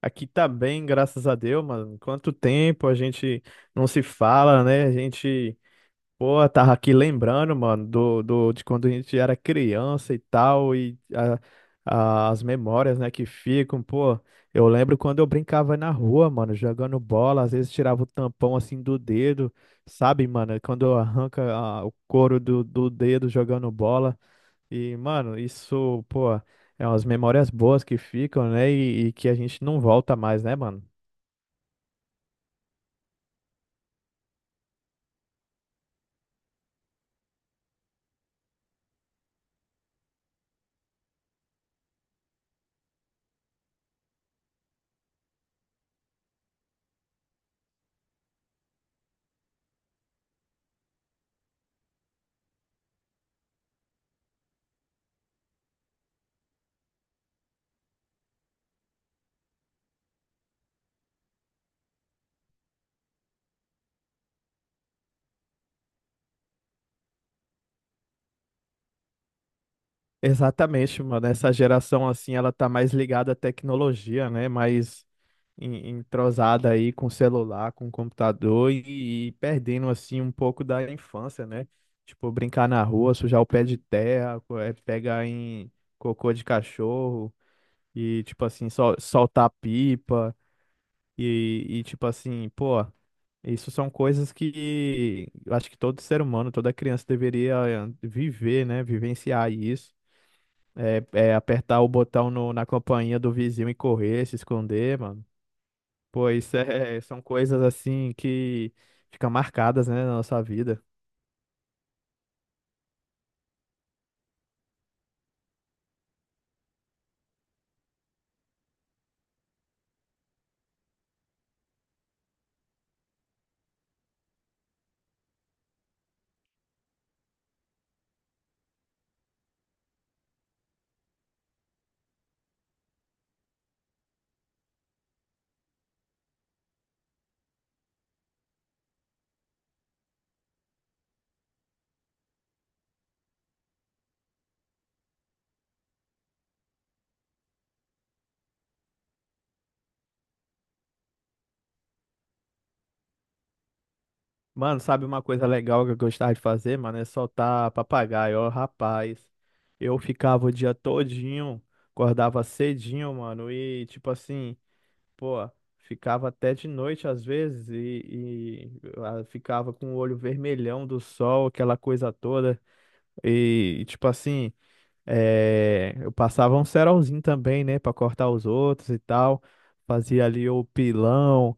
Aqui tá bem, graças a Deus, mano. Quanto tempo a gente não se fala, né? A gente, pô, tava aqui lembrando, mano, de quando a gente era criança e tal, e as memórias, né, que ficam, pô. Eu lembro quando eu brincava na rua, mano, jogando bola, às vezes tirava o tampão assim do dedo, sabe, mano? Quando arranca o couro do dedo jogando bola. E, mano, isso, pô, é umas memórias boas que ficam, né? E que a gente não volta mais, né, mano? Exatamente, mano. Essa geração, assim, ela tá mais ligada à tecnologia, né? Mais entrosada aí com celular, com computador e perdendo, assim, um pouco da infância, né? Tipo, brincar na rua, sujar o pé de terra, pegar em cocô de cachorro e, tipo assim, soltar pipa e tipo assim, pô. Isso são coisas que eu acho que todo ser humano, toda criança deveria viver, né? Vivenciar isso. É, é apertar o botão na companhia do vizinho e correr, se esconder, mano. Pois é, são coisas assim que ficam marcadas, né, na nossa vida. Mano, sabe uma coisa legal que eu gostava de fazer, mano? É soltar papagaio. Ó, rapaz, eu ficava o dia todinho, acordava cedinho, mano, e tipo assim. Pô, ficava até de noite às vezes e ficava com o olho vermelhão do sol, aquela coisa toda. E tipo assim, eu passava um cerolzinho também, né, pra cortar os outros e tal. Fazia ali o pilão,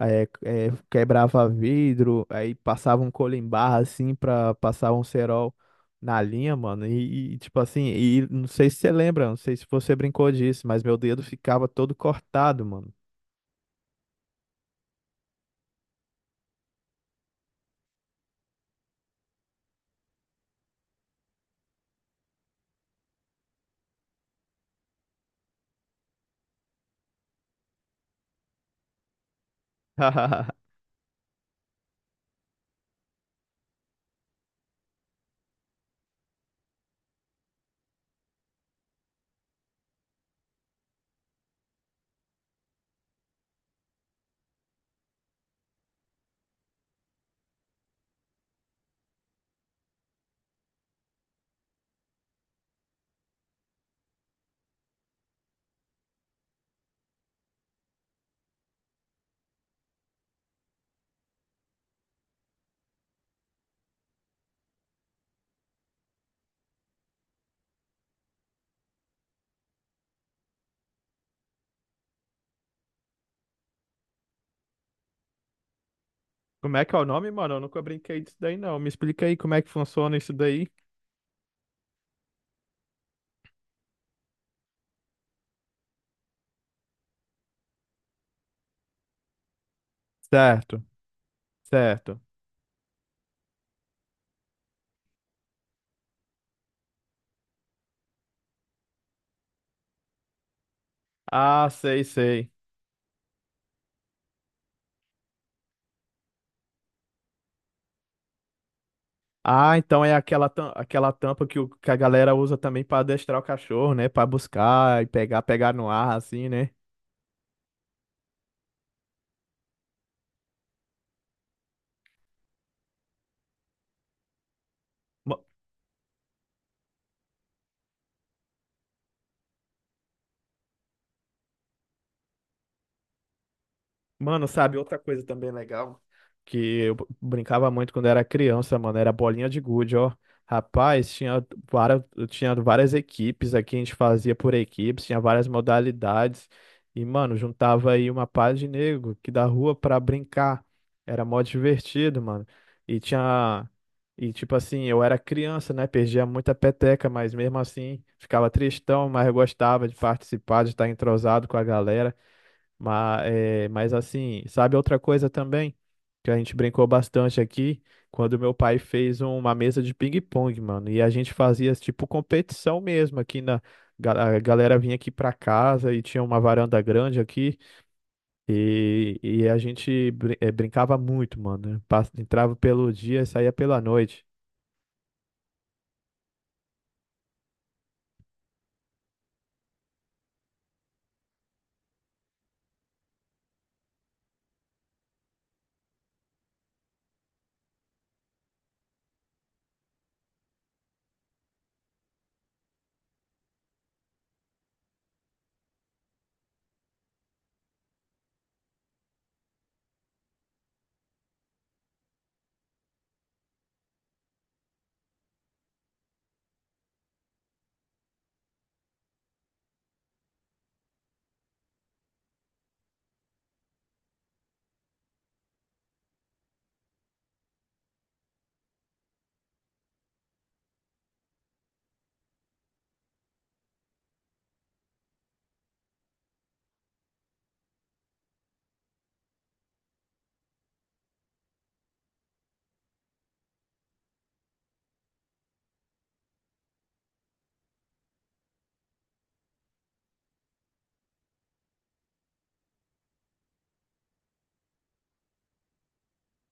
quebrava vidro, aí passava um colimbar assim pra passar um cerol na linha, mano. E tipo assim, e não sei se você lembra, não sei se você brincou disso, mas meu dedo ficava todo cortado, mano. Como é que é o nome, mano? Eu nunca brinquei disso daí, não. Me explica aí como é que funciona isso daí. Certo, certo. Ah, sei, sei. Ah, então é aquela, aquela tampa que, que a galera usa também pra adestrar o cachorro, né? Pra buscar e pegar, pegar no ar, assim, né? Mano, sabe, outra coisa também legal que eu brincava muito quando era criança, mano, era bolinha de gude, ó. Rapaz, tinha várias equipes aqui, a gente fazia por equipes, tinha várias modalidades. E, mano, juntava aí uma pá de nego que da rua pra brincar. Era mó divertido, mano. E tinha. E, tipo assim, eu era criança, né? Perdia muita peteca, mas mesmo assim ficava tristão, mas eu gostava de participar, de estar entrosado com a galera. Mas, é, mas assim, sabe outra coisa também? Que a gente brincou bastante aqui, quando meu pai fez uma mesa de ping-pong, mano. E a gente fazia tipo competição mesmo aqui na. A galera vinha aqui pra casa e tinha uma varanda grande aqui. E a gente brincava muito, mano. Entrava pelo dia e saía pela noite.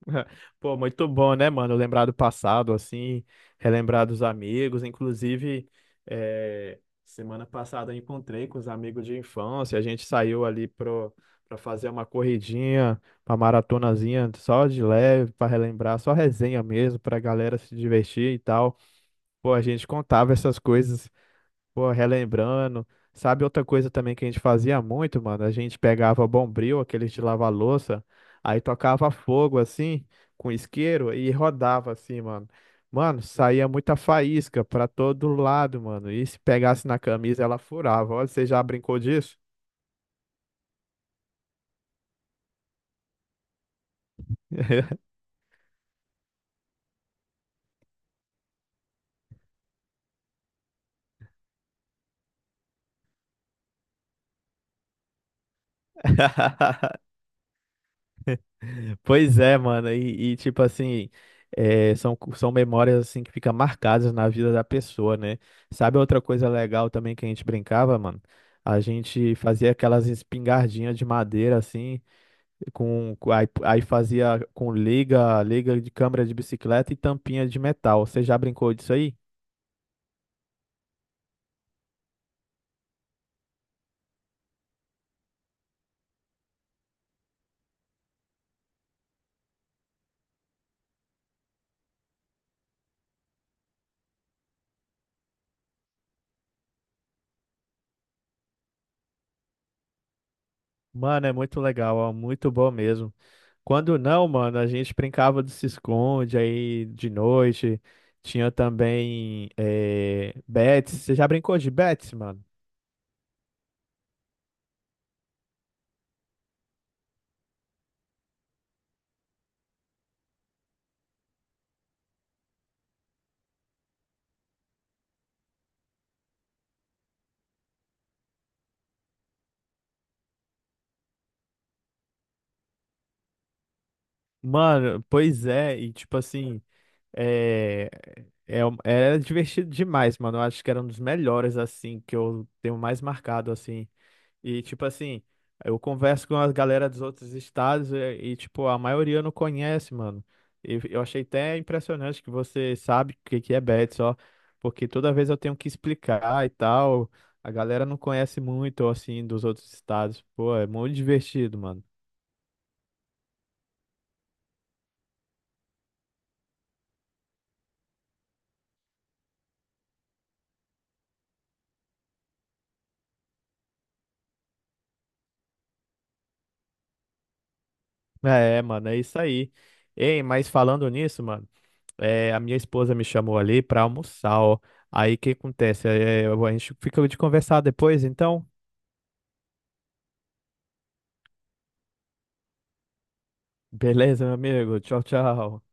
Pô, muito bom, né, mano? Lembrar do passado, assim, relembrar dos amigos. Inclusive, semana passada eu encontrei com os amigos de infância. A gente saiu ali pra fazer uma corridinha, uma maratonazinha só de leve, pra relembrar, só resenha mesmo, pra galera se divertir e tal. Pô, a gente contava essas coisas. Pô, relembrando. Sabe outra coisa também que a gente fazia muito, mano? A gente pegava Bombril, aqueles de lavar louça, aí tocava fogo assim, com isqueiro e rodava assim, mano. Mano, saía muita faísca pra todo lado, mano. E se pegasse na camisa, ela furava. Olha, você já brincou disso? Pois é, mano, tipo assim, é, são, são memórias assim que ficam marcadas na vida da pessoa, né? Sabe outra coisa legal também que a gente brincava, mano? A gente fazia aquelas espingardinhas de madeira assim, aí fazia com liga, liga de câmara de bicicleta e tampinha de metal. Você já brincou disso aí? Mano, é muito legal, ó, muito bom mesmo. Quando não, mano, a gente brincava de se esconde aí de noite. Tinha também bets. Você já brincou de bets, mano? Mano, pois é, e tipo assim, é, é, era divertido demais, mano. Eu acho que era um dos melhores, assim, que eu tenho mais marcado, assim. E, tipo assim, eu converso com a galera dos outros estados e, tipo, a maioria não conhece, mano. E eu achei até impressionante que você sabe o que que é bet só, porque toda vez eu tenho que explicar e tal. A galera não conhece muito, assim, dos outros estados. Pô, é muito divertido, mano. É, mano, é isso aí. Ei, mas falando nisso, mano, é, a minha esposa me chamou ali pra almoçar, ó. Aí o que acontece? É, a gente fica de conversar depois, então. Beleza, meu amigo. Tchau, tchau.